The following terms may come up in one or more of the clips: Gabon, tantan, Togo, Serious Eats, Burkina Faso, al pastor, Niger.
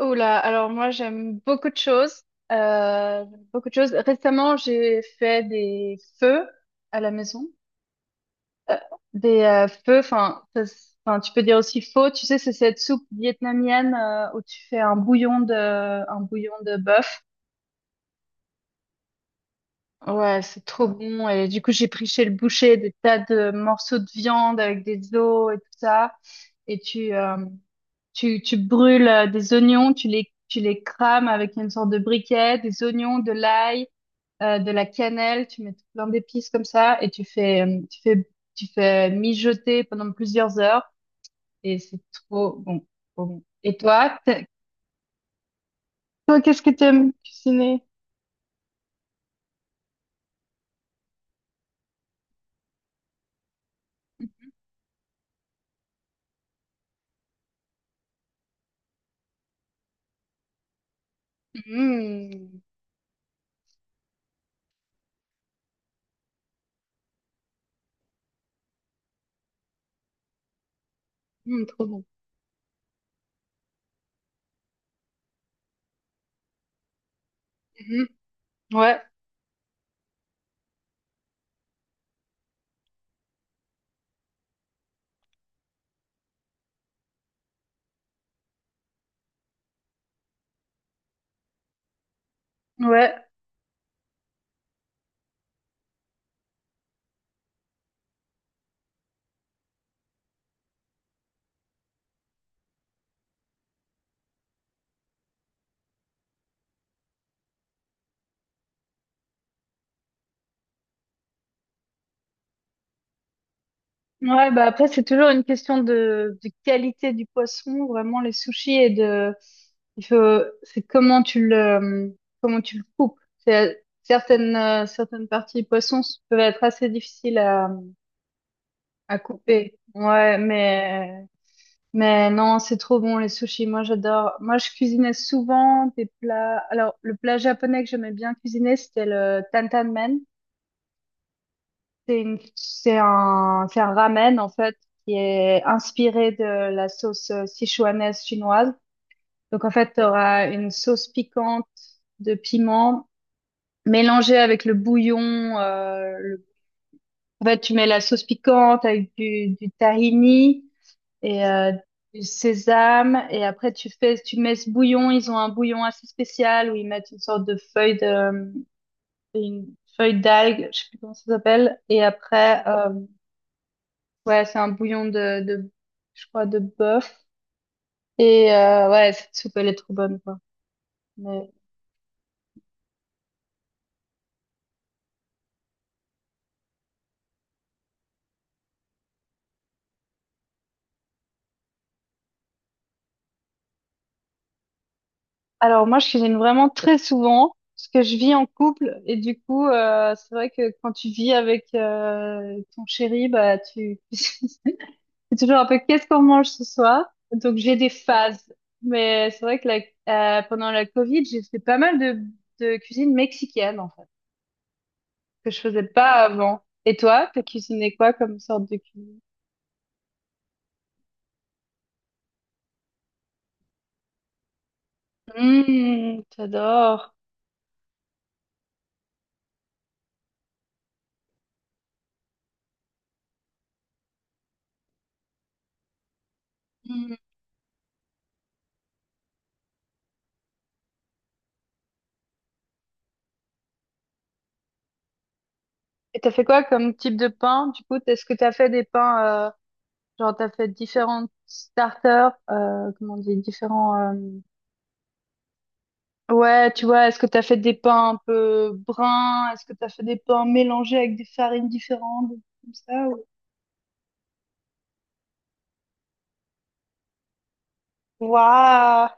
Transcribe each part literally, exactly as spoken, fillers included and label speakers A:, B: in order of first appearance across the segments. A: Oula, alors moi j'aime beaucoup de choses. Euh, j'aime beaucoup de choses. Récemment, j'ai fait des feux à la maison. Euh, des euh, feux, enfin, ça s- enfin, tu peux dire aussi faux. Tu sais, c'est cette soupe vietnamienne euh, où tu fais un bouillon de, un bouillon de bœuf. Ouais, c'est trop bon. Et du coup, j'ai pris chez le boucher des tas de morceaux de viande avec des os et tout ça. Et tu, euh, Tu, tu brûles euh, des oignons, tu les, tu les crames avec une sorte de briquet, des oignons, de l'ail, euh, de la cannelle, tu mets tout plein d'épices comme ça et tu fais, euh, tu fais, tu fais mijoter pendant plusieurs heures et c'est trop bon, trop bon. Et toi, t'es- toi, qu'est-ce que tu aimes cuisiner? Mmh, mmh, trop bon. Mhm. Ouais, ouais. Ouais, bah après, c'est toujours une question de, de qualité du poisson, vraiment les sushis et de, il faut, c'est comment tu le, comment tu le coupes. C'est- Certaines, euh, certaines parties du poisson s- peuvent être assez difficiles à, à couper. Ouais, mais, mais non, c'est trop bon les sushis. Moi, j'adore. Moi, je cuisinais souvent des plats. Alors, le plat japonais que j'aimais bien cuisiner, c'était le tantan. C'est une, c'est un, c'est un ramen, en fait, qui est inspiré de la sauce euh, sichuanaise chinoise. Donc, en fait, tu auras une sauce piquante de piment mélangée avec le bouillon. euh, le- En fait, tu mets la sauce piquante avec du, du tahini et euh, du sésame. Et après, tu fais, tu mets ce bouillon. Ils ont un bouillon assez spécial où ils mettent une sorte de feuille de, une feuille d'algue, je sais plus comment ça s'appelle. Et après, euh, ouais, c'est un bouillon de, de, je crois, de bœuf. Et euh, ouais, cette soupe, elle est trop bonne, quoi. Mais... Alors moi, je cuisine vraiment très souvent, parce que je vis en couple. Et du coup, euh, c'est vrai que quand tu vis avec euh, ton chéri, bah, tu... c'est toujours un peu qu'est-ce qu'on mange ce soir. Donc j'ai des phases. Mais c'est vrai que la- euh, pendant la Covid, j'ai fait pas mal de, de cuisine mexicaine, en fait, que je faisais pas avant. Et toi, t'as cuisiné quoi comme sorte de cuisine? Mmh, j'adore. Mm. Et t'as fait quoi comme type de pain? Du coup, est-ce que t'as fait des pains, euh, genre t'as fait différents starters, euh, comment on dit, différents, euh, ouais, tu vois, est-ce que t'as fait des pains un peu bruns? Est-ce que t'as fait des pains mélangés avec des farines différentes, des trucs comme ça? ou- Waouh!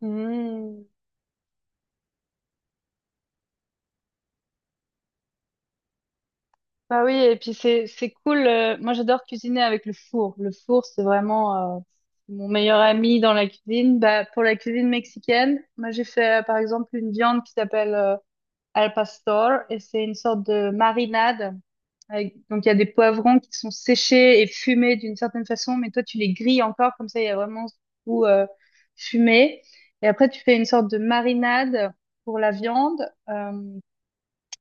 A: Bah oui, et puis c'est c'est cool. Euh, moi, j'adore cuisiner avec le four. Le four, c'est vraiment euh, mon meilleur ami dans la cuisine. Bah, pour la cuisine mexicaine, moi, j'ai fait euh, par exemple une viande qui s'appelle euh, al pastor et c'est une sorte de marinade. Avec- donc, il y a des poivrons qui sont séchés et fumés d'une certaine façon, mais toi, tu les grilles encore, comme ça, il y a vraiment ce goût euh, fumé. Et après, tu fais une sorte de marinade pour la viande. Euh,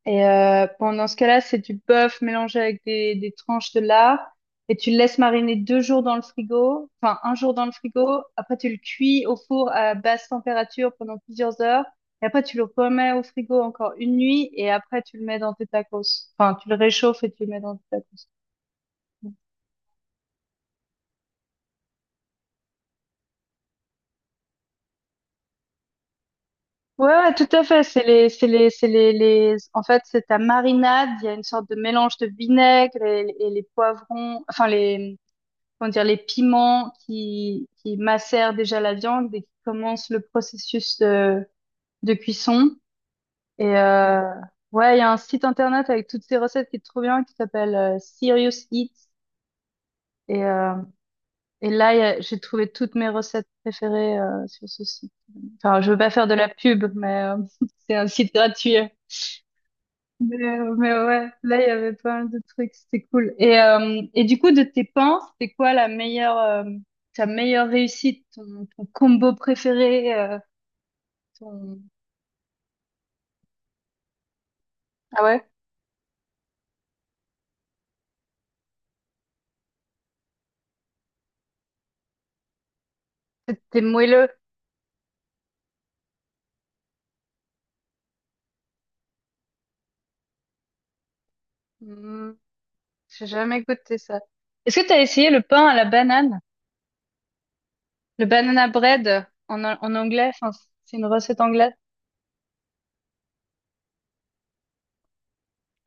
A: et euh, pendant ce cas-là, c'est du bœuf mélangé avec des, des tranches de lard. Et tu le laisses mariner deux jours dans le frigo, enfin un jour dans le frigo. Après, tu le cuis au four à basse température pendant plusieurs heures. Et après, tu le remets au frigo encore une nuit. Et après, tu le mets dans tes tacos. Enfin, tu le réchauffes et tu le mets dans tes tacos. Ouais, ouais, tout à fait. C'est les, c'est les, c'est les, les. En fait, c'est ta marinade. Il y a une sorte de mélange de vinaigre et, et les poivrons, enfin les, comment dire, les piments qui, qui macèrent déjà la viande et qui commencent le processus de, de cuisson. Et euh, ouais, il y a un site internet avec toutes ces recettes qui est trop bien, qui s'appelle euh, Serious Eats. Et, euh, et là, il y a- j'ai trouvé toutes mes recettes préférées euh, sur ce site. Enfin, je veux pas faire de la pub, mais euh, c'est un site gratuit. Mais, euh, mais ouais, là, il y avait pas mal de trucs, c'était cool. Et, euh, et du coup, de tes pains, c'était quoi la meilleure, euh, ta meilleure réussite, ton, ton combo préféré, euh, ton... Ah ouais? C'était moelleux. Hmm, j'ai jamais goûté ça. Est-ce que t'as essayé le pain à la banane? Le banana bread en, en anglais? Enfin, c'est une recette anglaise?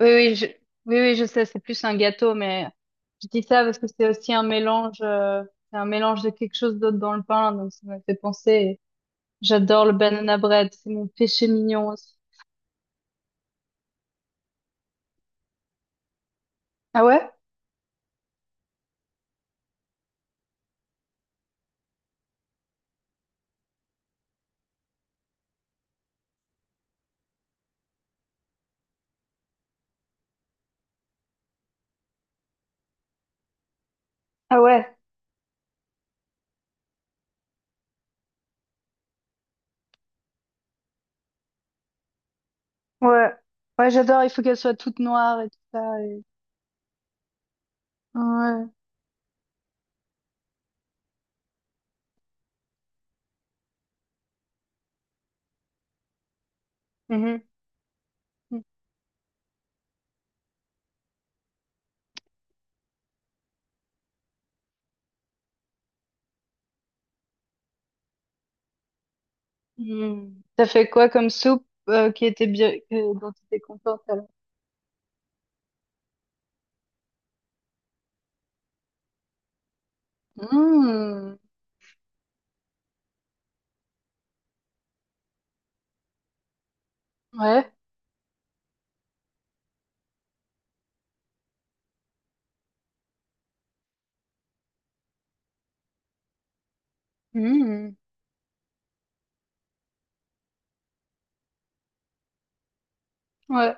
A: Oui, oui, je, oui, oui, je sais, c'est plus un gâteau, mais je dis ça parce que c'est aussi un mélange, euh, c'est un mélange de quelque chose d'autre dans le pain, donc ça m'a fait penser. J'adore le banana bread, c'est mon péché mignon aussi. Ah ouais? Ah ouais, ouais. Ouais, j'adore, il faut qu'elle soit toute noire et tout ça. et- Ouais. Mhm. Mhm. Mm. T'as fait quoi comme soupe euh, qui était bien, que- dont tu étais contente alors? Mm. Ouais. Mm. Ouais.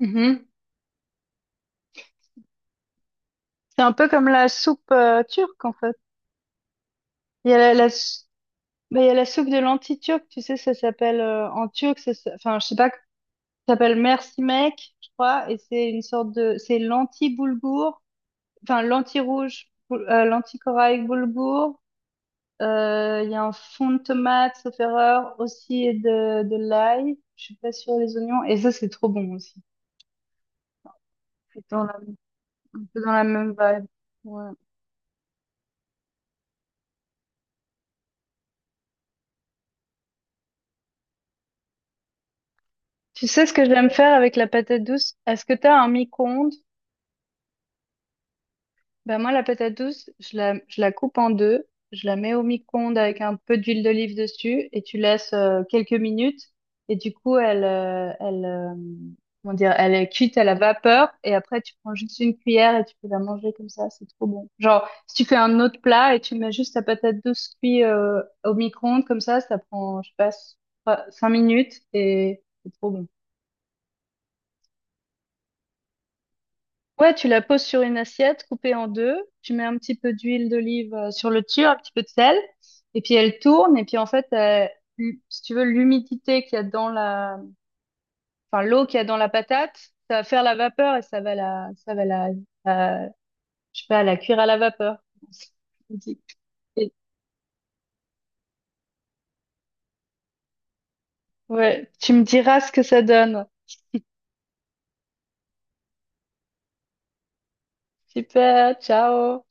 A: Mhm. C'est un peu comme la soupe euh, turque en fait. Il y a la, la s- bah, il y a la soupe de lentilles turque, tu sais, ça s'appelle euh, en turc, ça, s- enfin, je sais pas. Ça s'appelle Merci Mec, je crois, et c'est une sorte de, c'est l'anti-boulgour, enfin l'anti-rouge, boul- euh, l'anti-corail boulgour. Euh, Il y a un fond de tomate, sauf erreur, aussi et de, de l'ail. Je suis pas sûre des oignons, et ça c'est trop bon aussi. C'est dans la, un peu dans la même vibe. Ouais. Tu sais ce que j'aime faire avec la patate douce? Est-ce que t'as un micro-ondes? Ben moi, la patate douce, je la, je la coupe en deux, je la mets au micro-ondes avec un peu d'huile d'olive dessus et tu laisses euh, quelques minutes. Et du coup, elle, euh, elle, euh, comment dire, elle est cuite à la vapeur et après, tu prends juste une cuillère et tu peux la manger comme ça, c'est trop bon. Genre, si tu fais un autre plat et tu mets juste ta patate douce cuite euh, au micro-ondes comme ça, ça prend, je sais pas, cinq minutes et c'est trop bon. Ouais, tu la poses sur une assiette coupée en deux. Tu mets un petit peu d'huile d'olive euh, sur le dessus, un petit peu de sel. Et puis elle tourne. Et puis en fait, euh, l- si tu veux, l'humidité qu'il y a dans la, enfin l'eau qu'il y a dans la patate, ça va faire la vapeur et ça va la, ça va la, la- je sais pas, la cuire à la vapeur. Et- Ouais, tu me diras ce que ça donne. Super, ciao.